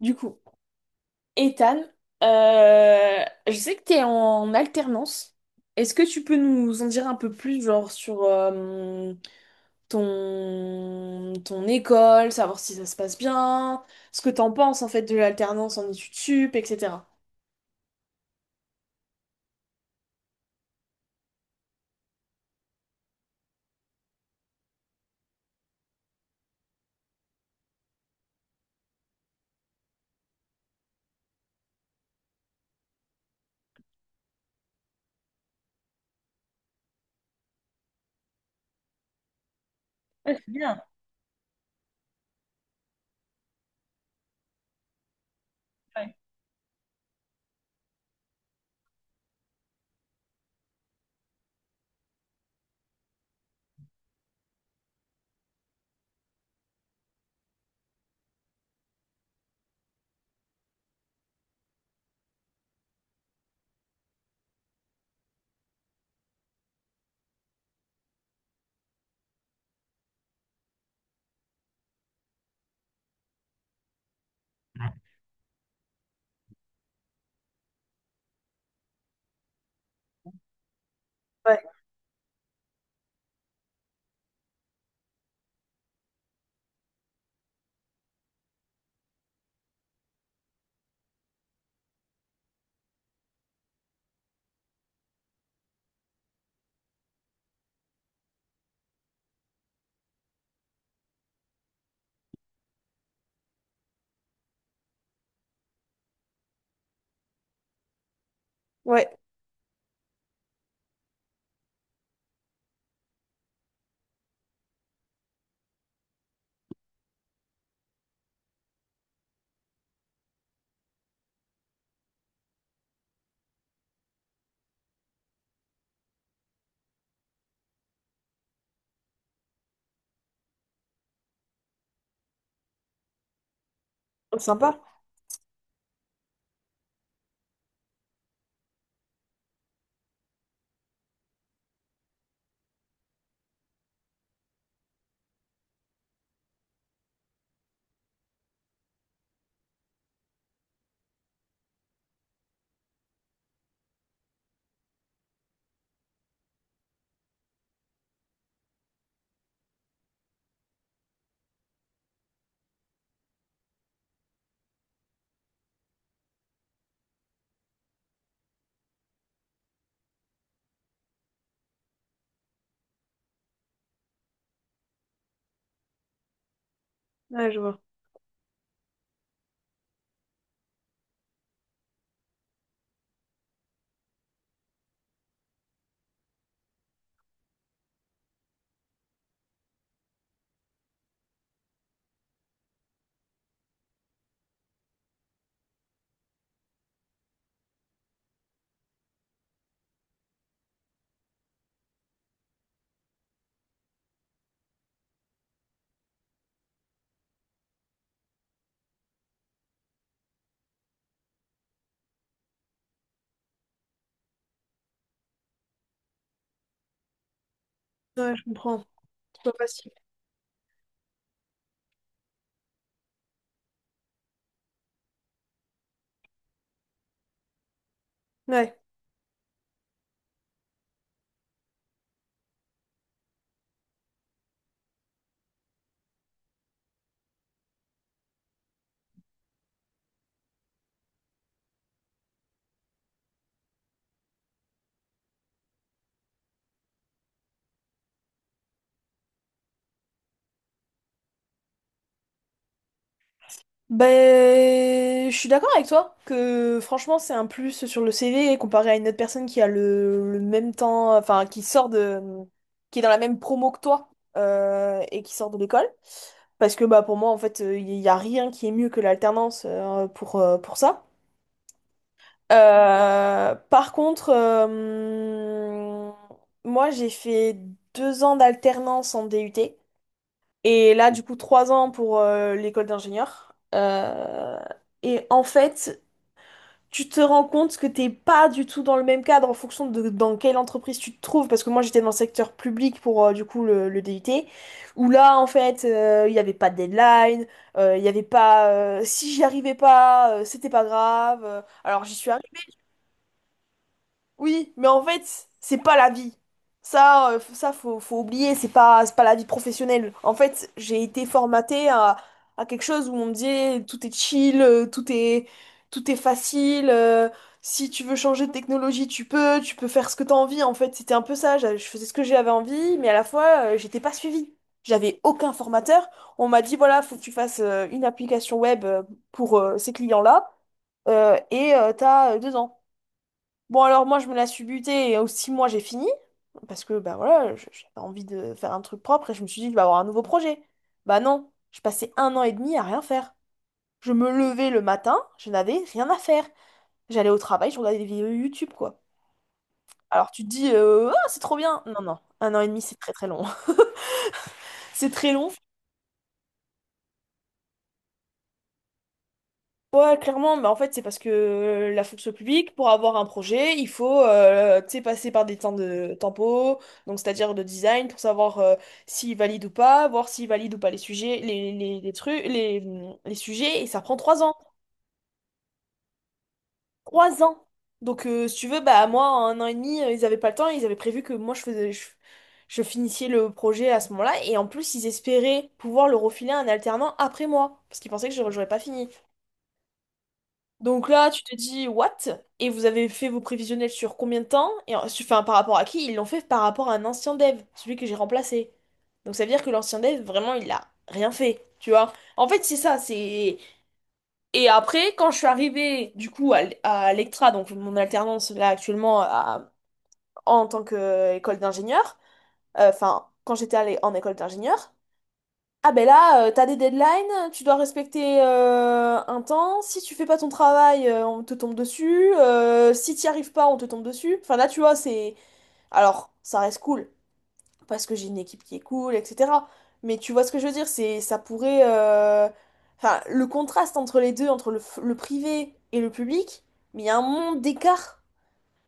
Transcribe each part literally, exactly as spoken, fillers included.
Du coup, Ethan, euh, je sais que tu es en alternance. Est-ce que tu peux nous en dire un peu plus, genre sur euh, ton, ton école, savoir si ça se passe bien, ce que t'en penses en fait de l'alternance en études sup, et cetera. Ouais, c'est bien. Ouais. Ouais, ouais. Oh, sympa. Ouais, je vois. Ouais, je comprends. C'est pas facile. Ouais. Ben, je suis d'accord avec toi que franchement c'est un plus sur le C V comparé à une autre personne qui a le, le même temps, enfin qui sort de, qui est dans la même promo que toi euh, et qui sort de l'école. Parce que bah pour moi en fait il n'y a rien qui est mieux que l'alternance euh, pour, euh, pour ça. Euh, par contre, euh, moi j'ai fait deux ans d'alternance en D U T. Et là, du coup, trois ans pour euh, l'école d'ingénieur. Euh, et en fait, tu te rends compte que t'es pas du tout dans le même cadre en fonction de dans quelle entreprise tu te trouves. Parce que moi, j'étais dans le secteur public pour, euh, du coup, le, le D U T. Où là, en fait, euh, il n'y avait pas de deadline. euh, Il y avait pas... euh, si j'y arrivais pas, euh, c'était pas grave. Euh, alors, j'y suis oui, mais en fait, c'est pas la vie. Ça, euh, f- ça faut, faut oublier, c'est pas, c'est pas la vie professionnelle. En fait, j'ai été formatée à, à quelque chose où on me disait tout est chill, euh, tout est, tout est facile. Euh, si tu veux changer de technologie, tu peux, tu peux faire ce que t'as envie. En fait, c'était un peu ça. j'a- Je faisais ce que j'avais envie, mais à la fois, euh, j'étais pas suivie. J'avais aucun formateur. On m'a dit, voilà, faut que tu fasses euh, une application web euh, pour euh, ces clients-là, euh, et euh, t'as euh, deux ans. Bon, alors moi, je me la suis butée et aux six mois, j'ai fini. Parce que, bah voilà, je- j'avais envie de faire un truc propre et je me suis dit, je vais avoir un nouveau projet. Bah non, je passais un an et demi à rien faire. Je me levais le matin, je n'avais rien à faire. J'allais au travail, je regardais des vidéos YouTube, quoi. Alors tu te dis, euh, ah, c'est trop bien. Non, non, un an et demi, c'est très très long. C'est très long. Ouais, clairement, mais en fait, c'est parce que euh, la fonction publique, pour avoir un projet, il faut euh, tu sais, passer par des temps de tempo, donc c'est-à-dire de design, pour savoir euh, s'il valide ou pas, voir s'il valide ou pas les sujets, les, les, les trucs, les, hum, les sujets, et ça prend trois ans. Trois ans! Donc, euh, si tu veux, bah, moi, en un an et demi, euh, ils avaient pas le temps, ils avaient prévu que moi, je faisais, je, je finissais le projet à ce moment-là, et en plus, ils espéraient pouvoir le refiler à un alternant après moi, parce qu'ils pensaient que je n'aurais pas fini. Donc là, tu te dis, what? Et vous avez fait vos prévisionnels sur combien de temps? Et en- enfin, par rapport à qui? Ils l'ont fait par rapport à un ancien dev, celui que j'ai remplacé. Donc ça veut dire que l'ancien dev, vraiment, il a rien fait, tu vois? En fait, c'est ça, c'est... Et après, quand je suis arrivée, du coup, à, l- à l'Ectra, donc mon alternance, là, actuellement, à- en tant qu'école d'ingénieur, euh, enfin, quand j'étais allée en école d'ingénieur, ah ben là, euh, t'as des deadlines, tu dois respecter euh, un temps. Si tu fais pas ton travail, euh, on te tombe dessus. Euh, si t'y arrives pas, on te tombe dessus. Enfin là, tu vois, c'est... Alors, ça reste cool, parce que j'ai une équipe qui est cool, et cetera. Mais tu vois ce que je veux dire, c'est ça pourrait... euh, Enfin, le contraste entre les deux, entre le, f- le privé et le public, mais il y a un monde d'écart.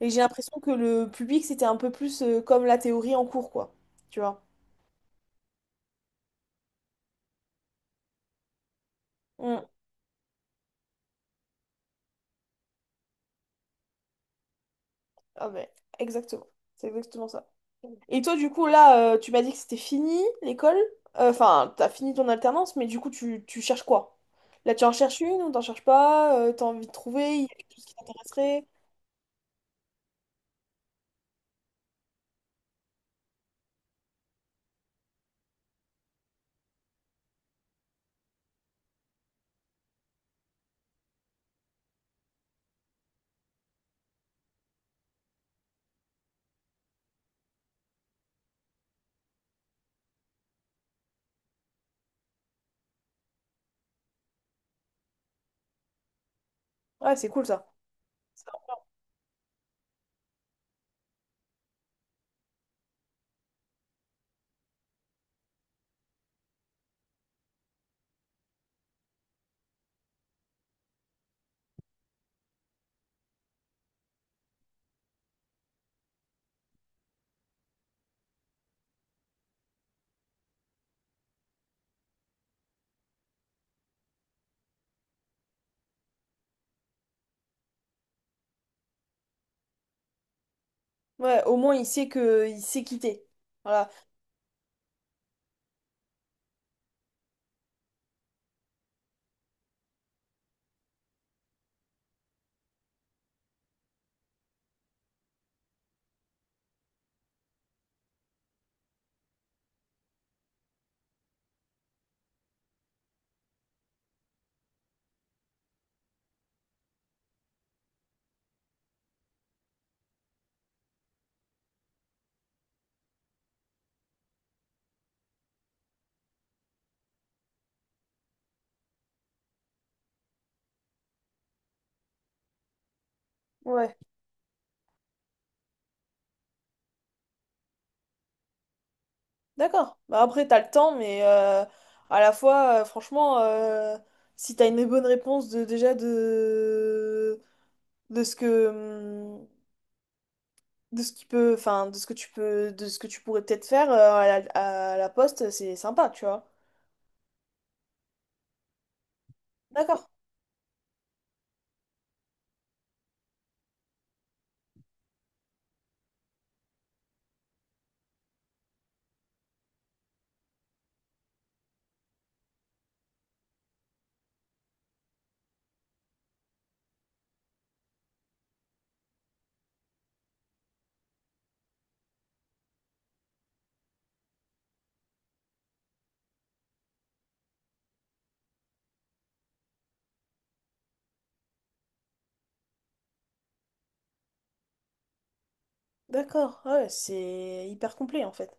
Et j'ai l'impression que le public, c'était un peu plus euh, comme la théorie en cours, quoi. Tu vois. Mm. Ah ben, exactement. C'est exactement ça. Et toi, du coup, là, euh, tu m'as dit que c'était fini l'école. Euh, Enfin, t'as fini ton alternance, mais du coup, tu, tu cherches quoi? Là, tu en cherches une ou t'en cherches pas? Euh, t'as envie de trouver? Il y a quelque chose qui t'intéresserait? Ouais, c'est cool ça. Ouais, au moins, il sait que il sait quitter. Voilà. Ouais. D'accord. Bah, après, t'as le temps, mais euh, à la fois, euh, franchement, euh, si t'as une bonne réponse de, déjà de, de ce que. hum, de ce qui peut, enfin, de ce que tu peux, de ce que tu pourrais peut-être faire euh, à la, à la poste, c'est sympa, tu vois. D'accord, d'accord, ouais, c'est hyper complet en fait.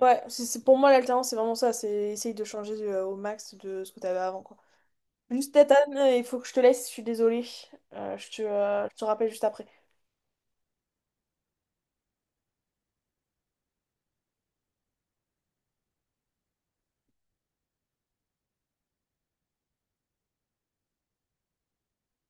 Ouais, c'est c'est- pour moi l'alternance, c'est vraiment ça, c'est essayer de changer euh, au max de ce que t'avais avant, quoi. Juste, Nathan, euh, il faut que je te laisse, je suis désolée. Euh, je te, euh, je te rappelle juste après.